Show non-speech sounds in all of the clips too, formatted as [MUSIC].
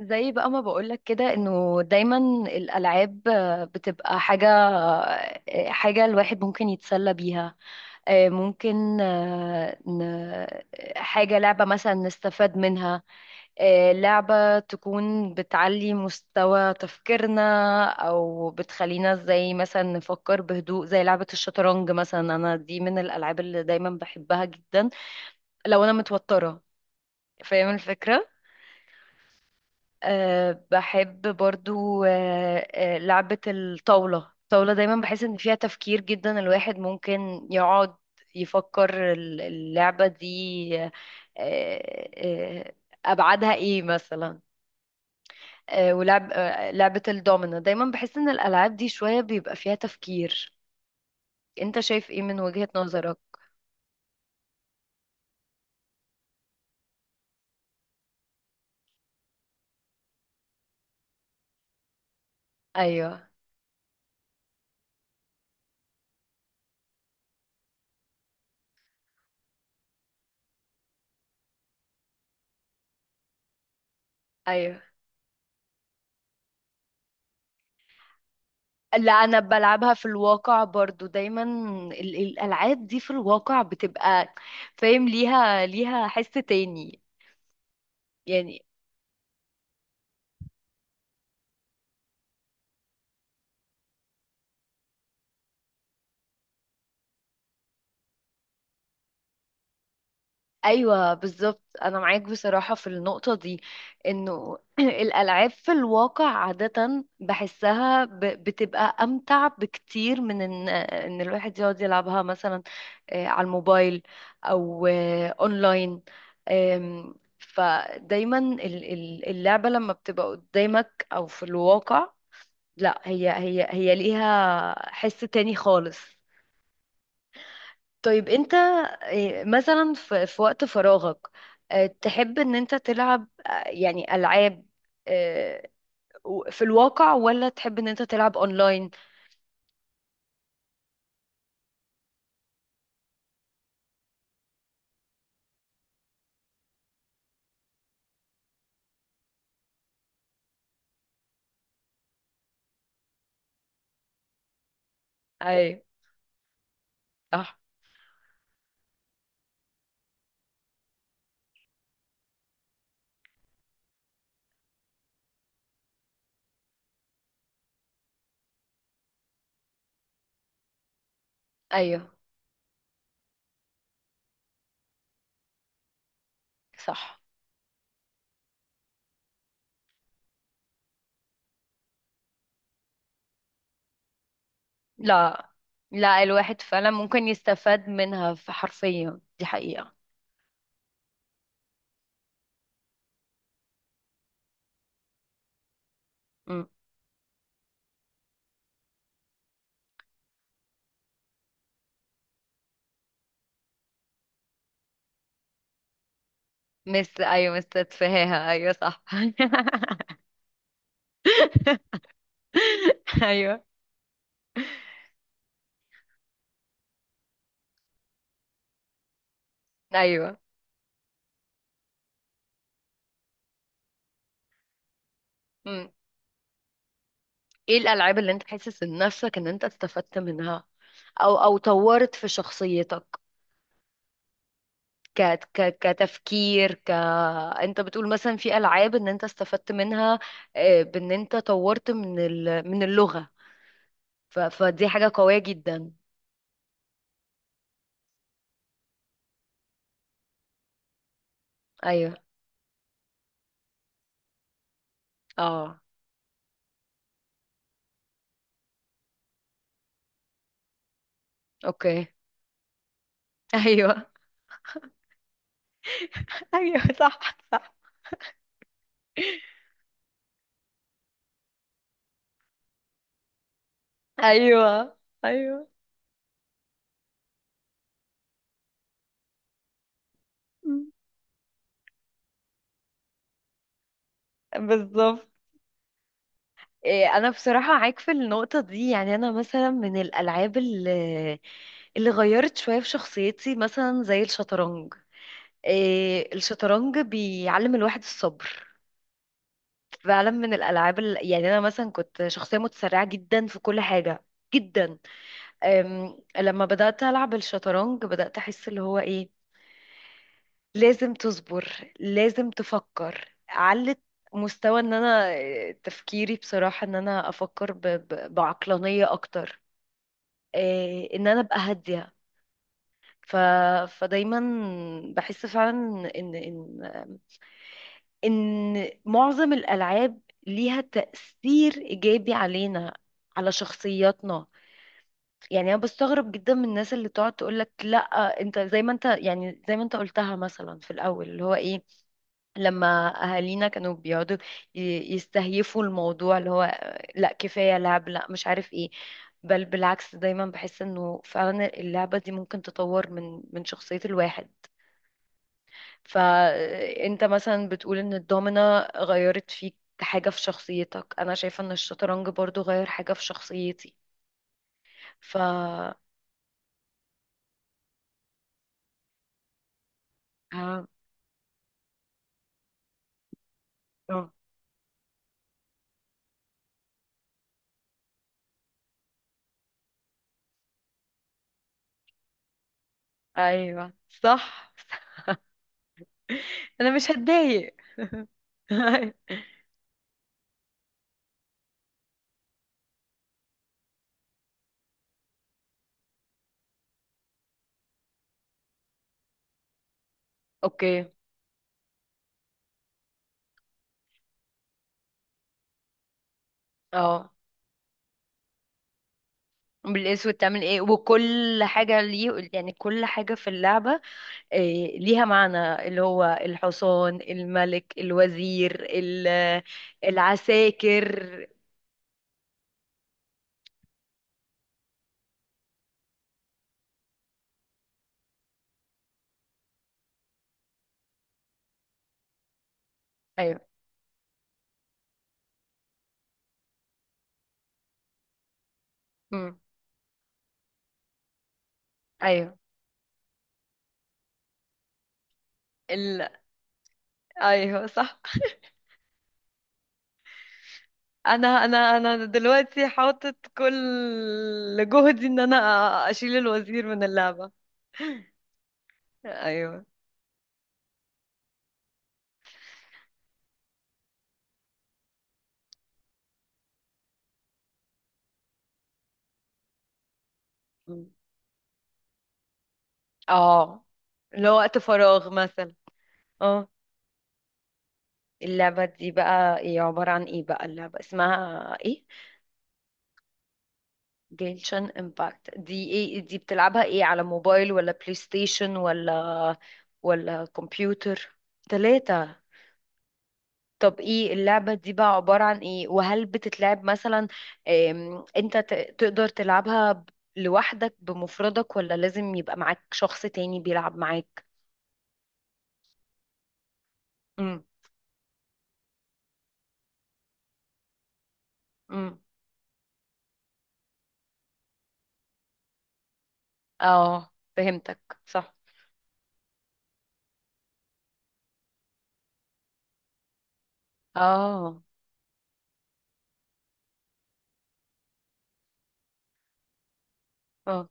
زي بقى ما بقولك كده انه دايما الالعاب بتبقى حاجه. حاجه الواحد ممكن يتسلى بيها. آه، ممكن آه، ن- حاجه، لعبه مثلا نستفاد منها. لعبه تكون بتعلي مستوى تفكيرنا، او بتخلينا زي مثلا نفكر بهدوء، زي لعبه الشطرنج مثلا. انا دي من الالعاب اللي دايما بحبها جدا لو انا متوتره. فاهم الفكره؟ بحب برضو أه آه، لعبة الطاولة. الطاولة دايما بحس ان فيها تفكير جدا، الواحد ممكن يقعد يفكر اللعبة دي. أه أه أبعادها ايه مثلا؟ أه ولعب أه لعبة الدومينو، دايما بحس ان الألعاب دي شوية بيبقى فيها تفكير. انت شايف ايه من وجهة نظرك؟ ايوه. ايوه. لا، انا بلعبها في الواقع برضو دايما. الالعاب دي في الواقع بتبقى، فاهم، ليها، حس تاني يعني. ايوه بالظبط، انا معاك بصراحه في النقطه دي. انه [CLEARS THROAT] الالعاب في الواقع عاده بحسها بتبقى امتع بكتير من ان الواحد يقعد يلعبها مثلا على الموبايل، او اونلاين. فدايما اللعبه لما بتبقى قدامك او في الواقع، لا هي ليها حس تاني خالص. طيب انت، مثلا، في وقت فراغك، تحب ان انت تلعب يعني العاب، آه، في الواقع، ولا تحب ان انت تلعب اونلاين؟ ايوه صح. ايوه صح. لا، لا، الواحد فعلا ممكن يستفاد منها في، حرفيا، دي حقيقة. مم. ايوه، مستتفهاها، ايوه صح. [LAUGHS] ايوه. ايوه، ايه الالعاب اللي انت حاسس ان نفسك ان انت استفدت منها، او طورت في شخصيتك؟ ك ك كتفكير ك انت بتقول مثلا في العاب ان انت استفدت منها، بان انت طورت من اللغة. فدي حاجة قوية جدا. ايوه. اه. اوكي. [LAUGHS] ايوه. [LAUGHS] ايوه صح. صح. ايوه. ايوه بالظبط. انا بصراحة معاك في النقطة دي. يعني انا مثلا من الالعاب اللي غيرت شوية في شخصيتي مثلا زي الشطرنج. الشطرنج بيعلم الواحد الصبر فعلا. من الالعاب يعني انا مثلا كنت شخصية متسرعة جدا في كل حاجة، جدا. لما بدأت ألعب الشطرنج بدأت أحس اللي هو إيه، لازم تصبر، لازم تفكر. علت مستوى ان انا، تفكيري بصراحة ان انا افكر بعقلانية اكتر، ان انا ابقى هاديه. ف... فدايما بحس فعلا ان ان ان معظم الالعاب ليها تاثير ايجابي علينا، على شخصياتنا. يعني انا بستغرب جدا من الناس اللي تقعد تقول لك لا، انت زي ما انت. يعني زي ما انت قلتها مثلا في الاول، اللي هو ايه، لما اهالينا كانوا بيقعدوا يستهيفوا الموضوع اللي هو لا كفايه لعب، لا مش عارف ايه. بل بالعكس، دايما بحس انه فعلا اللعبه دي ممكن تطور من شخصيه الواحد. فانت مثلا بتقول ان الدومينه غيرت فيك حاجه في شخصيتك، انا شايفه ان الشطرنج برضو غير حاجه في شخصيتي. ف آه، آه. ايوه صح. [LAUGHS] انا مش هتضايق. [LAUGHS] اوكي. اه، بالاسود تعمل ايه؟ وكل حاجة ليه، يعني كل حاجة في اللعبة ليها معنى، اللي هو الحصان، الملك، الوزير، العساكر. ايوه. امم. ايوه. ال... ايوه صح. انا دلوقتي حاطط كل جهدي ان انا اشيل الوزير من اللعبة. ايوه. مم. اه، اللي هو وقت فراغ مثلا. آه. اللعبة دي بقى، ايه عبارة عن ايه بقى اللعبة؟ اسمها ايه؟ جيلشن امباكت، دي ايه؟ دي بتلعبها ايه، على موبايل ولا بلاي ستيشن ولا كمبيوتر؟ تلاتة؟ طب ايه اللعبة دي بقى عبارة عن ايه؟ وهل بتتلعب مثلا، انت تقدر تلعبها لوحدك بمفردك، ولا لازم يبقى معاك شخص تاني بيلعب معاك؟ امم. امم. اه فهمتك، صح. اه. اه.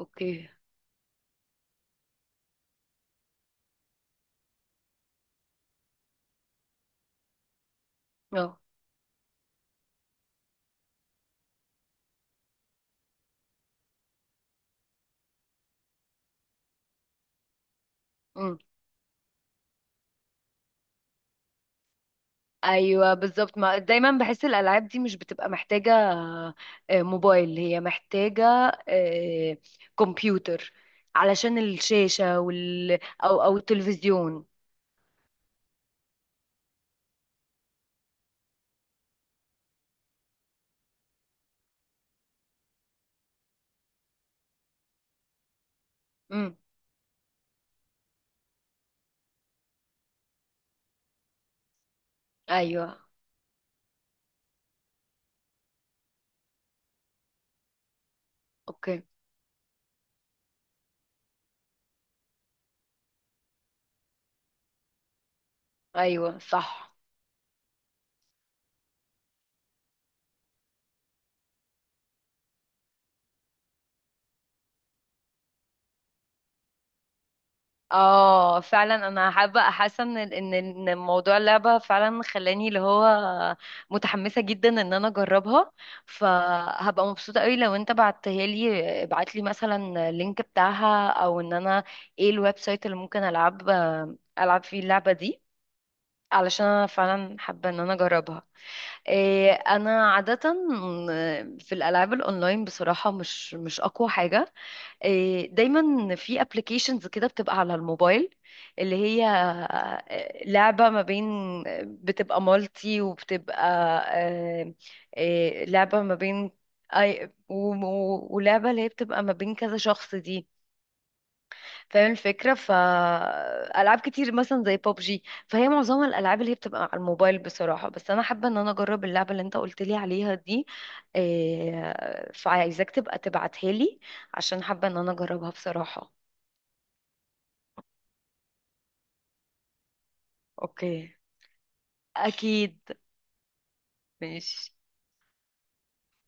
اوكي. اه. ايوه بالظبط، ما دايما بحس الالعاب دي مش بتبقى محتاجه موبايل، هي محتاجه آه، كمبيوتر علشان الشاشه وال، او التلفزيون. امم. ايوه. اوكي. ايوه صح. اه فعلا انا حابه احس ان ان إن موضوع اللعبه فعلا خلاني اللي هو متحمسه جدا ان انا اجربها. فهبقى مبسوطه قوي لو انت بعتها لي. ابعت لي مثلا اللينك بتاعها، او ان انا، ايه الويب سايت اللي ممكن العب فيه اللعبه دي؟ علشان انا فعلا حابه ان انا اجربها. انا عاده في الالعاب الاونلاين بصراحه مش اقوى حاجه. دايما في ابلكيشنز كده بتبقى على الموبايل، اللي هي لعبة ما بين، بتبقى مالتي وبتبقى آه، لعبة ما بين أي، ولعبة اللي هي بتبقى ما بين كذا شخص دي. فاهم الفكرة. فألعاب كتير مثلا زي بابجي، فهي معظمها الألعاب اللي هي بتبقى على الموبايل بصراحة. بس أنا حابة إن أنا أجرب اللعبة اللي أنت قلت لي عليها دي. فعايزاك تبقى تبعتها لي عشان حابة إن أنا أجربها بصراحة. اوكي. اكيد. ماشي.